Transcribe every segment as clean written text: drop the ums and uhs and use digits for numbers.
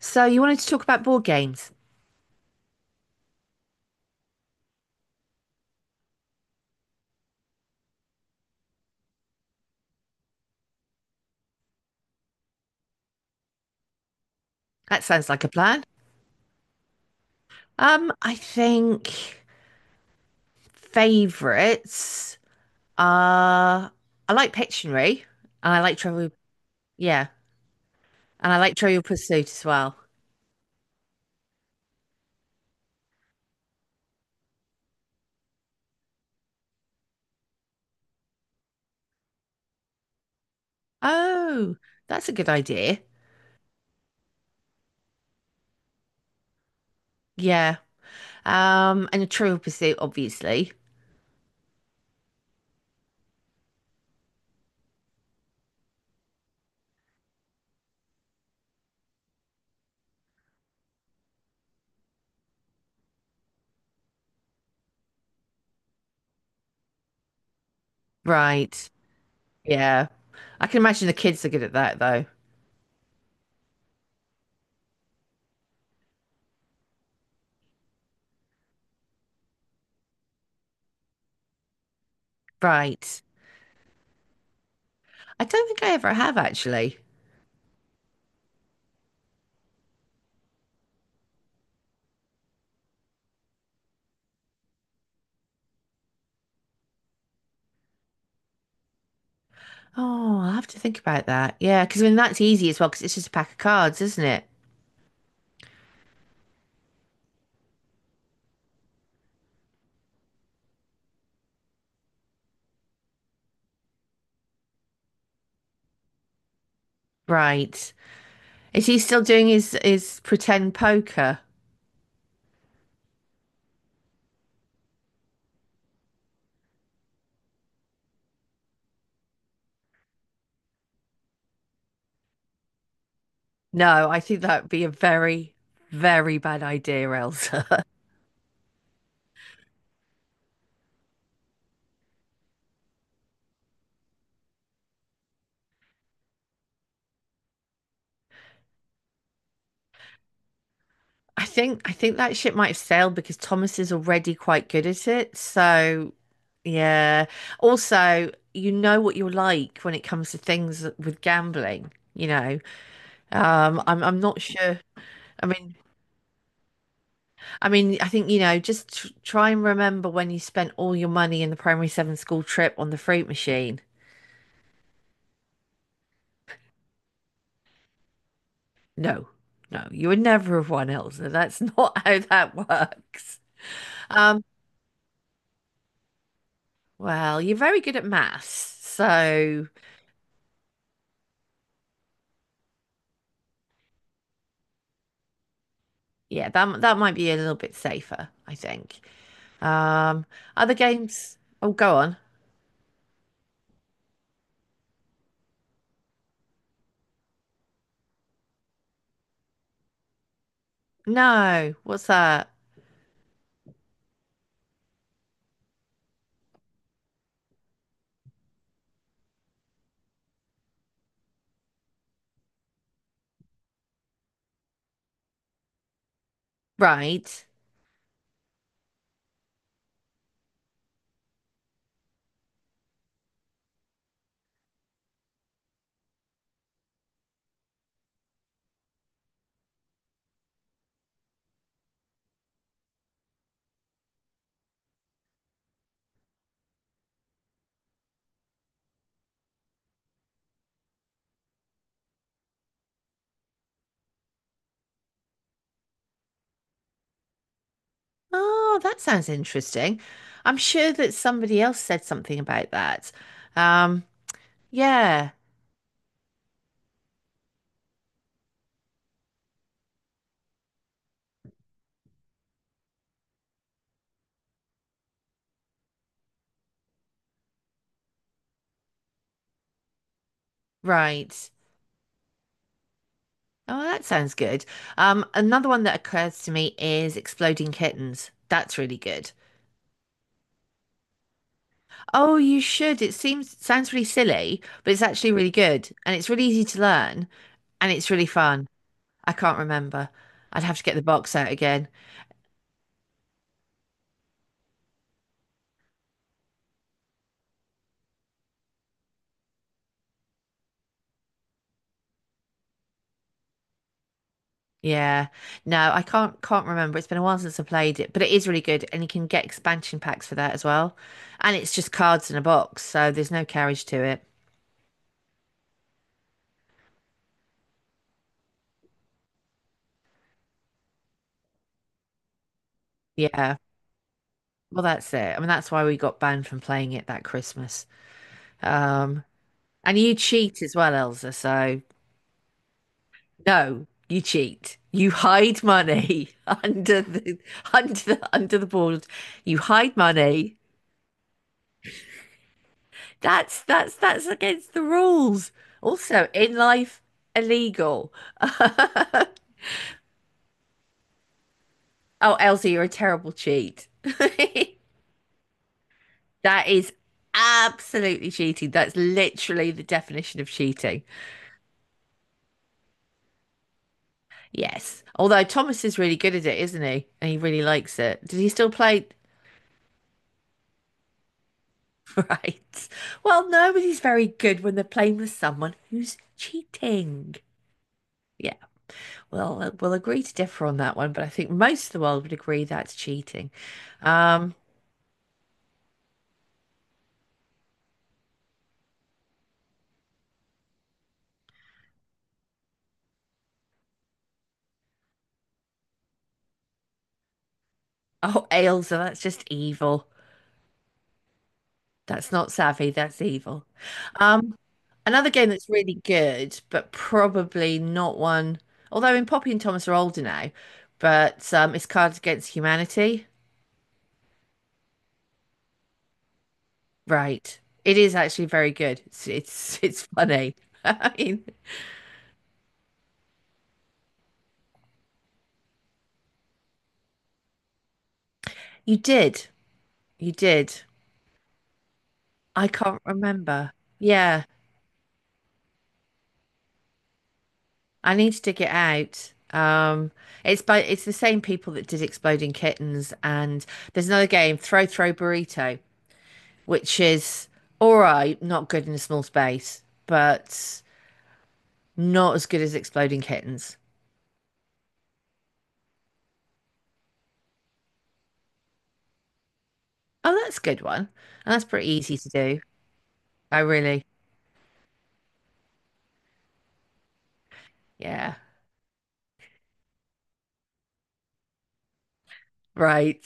So you wanted to talk about board games. That sounds like a plan. I think favorites are I like Pictionary and I like Trivial yeah, and I like Trivial Pursuit as well. Oh, that's a good idea. Yeah. And a Trivial Pursuit, obviously. Right. Yeah. I can imagine the kids are good at that though. Right. I don't think I ever have actually. Oh, I'll have to think about that. Yeah, because I mean that's easy as well, because it's just a pack of cards, isn't it? Right. Is he still doing his pretend poker? No, I think that would be a very, very bad idea, Elsa. I think that ship might have sailed because Thomas is already quite good at it. So, yeah. Also, what you're like when it comes to things with gambling. I'm not sure. I mean, I mean, I think, just tr try and remember when you spent all your money in the primary seven school trip on the fruit machine. No, no, you would never have won, Elsa. That's not how that works. Um, well, you're very good at maths, so yeah, that might be a little bit safer, I think. Um, other games? Oh, go on. No, what's that? Right. Oh, that sounds interesting. I'm sure that somebody else said something about that. Um, yeah, right. Oh, that sounds good. Another one that occurs to me is Exploding Kittens. That's really good. Oh, you should. It seems sounds really silly, but it's actually really good, and it's really easy to learn, and it's really fun. I can't remember. I'd have to get the box out again. Yeah. No, I can't remember. It's been a while since I played it, but it is really good, and you can get expansion packs for that as well. And it's just cards in a box, so there's no carriage to it. Yeah. Well, that's it. I mean, that's why we got banned from playing it that Christmas. Um, And you cheat as well, Elsa. So no, you cheat. You hide money under the board. You hide money. That's against the rules. Also, in life, illegal. Oh, Elsa, you're a terrible cheat. That is absolutely cheating. That's literally the definition of cheating. Yes. Although Thomas is really good at it, isn't he? And he really likes it. Did he still play? Right. Well, nobody's very good when they're playing with someone who's cheating. Yeah, well, we'll agree to differ on that one, but I think most of the world would agree that's cheating. Um, oh, Ailsa, that's just evil. That's not savvy, that's evil. Um, another game that's really good, but probably not one, although in Poppy and Thomas are older now, but it's Cards Against Humanity. Right. It is actually very good. It's funny. I mean, You did. You did. I can't remember. Yeah, I need to dig it out. It's the same people that did Exploding Kittens, and there's another game, Throw Throw Burrito, which is all right, not good in a small space, but not as good as Exploding Kittens. Oh, that's a good one. And that's pretty easy to do. I really, yeah, right.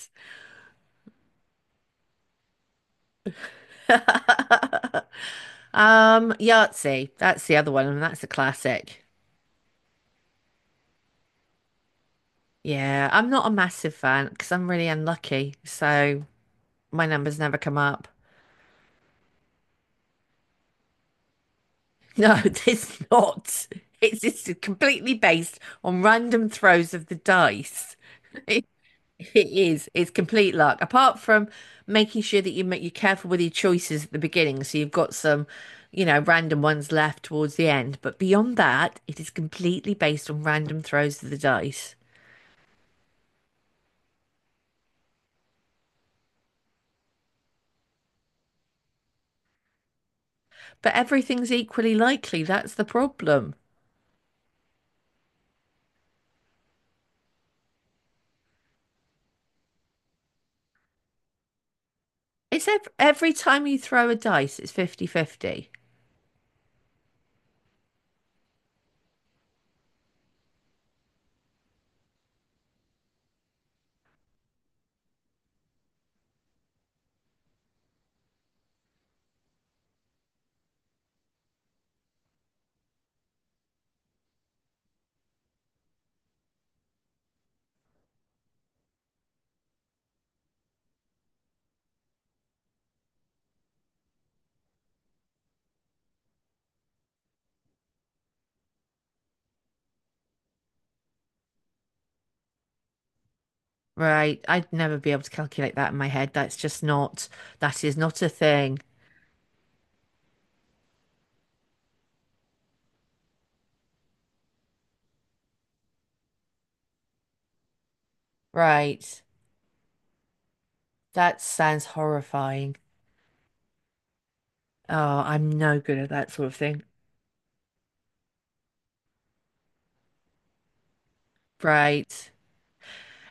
Yahtzee, that's the other one, and that's a classic. Yeah, I'm not a massive fan because I'm really unlucky. So my numbers never come up. No, it's not. It's just completely based on random throws of the dice. It is. It's complete luck. Apart from making sure that you're careful with your choices at the beginning, so you've got some, you know, random ones left towards the end. But beyond that, it is completely based on random throws of the dice. But everything's equally likely. That's the problem. It's ev every time you throw a dice, it's 50-50, Right. I'd never be able to calculate that in my head. That's just not, that is not a thing. Right. That sounds horrifying. Oh, I'm no good at that sort of thing. Right.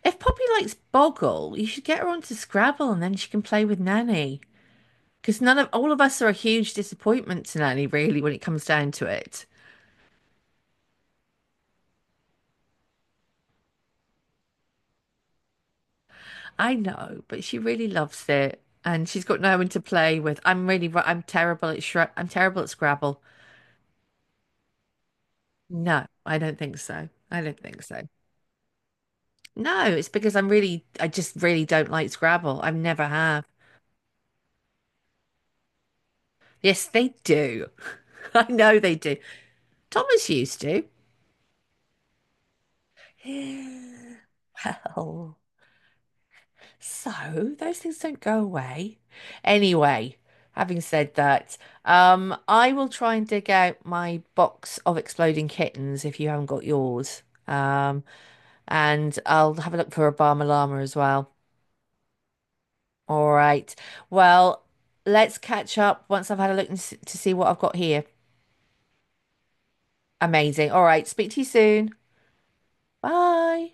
If Poppy likes Boggle, you should get her onto Scrabble and then she can play with Nanny. Because none of all of us are a huge disappointment to Nanny, really, when it comes down to it. I know, but she really loves it, and she's got no one to play with. I'm really, I'm terrible at Shre I'm terrible at Scrabble. No, I don't think so. I don't think so. No, it's because I'm really, I just really don't like Scrabble. I never have. Yes, they do. I know they do. Thomas used to. Well. So those things don't go away. Anyway, having said that, I will try and dig out my box of exploding kittens if you haven't got yours. Um, and I'll have a look for a Barma Llama as well. All right. Well, let's catch up once I've had a look and to see what I've got here. Amazing. All right. Speak to you soon. Bye.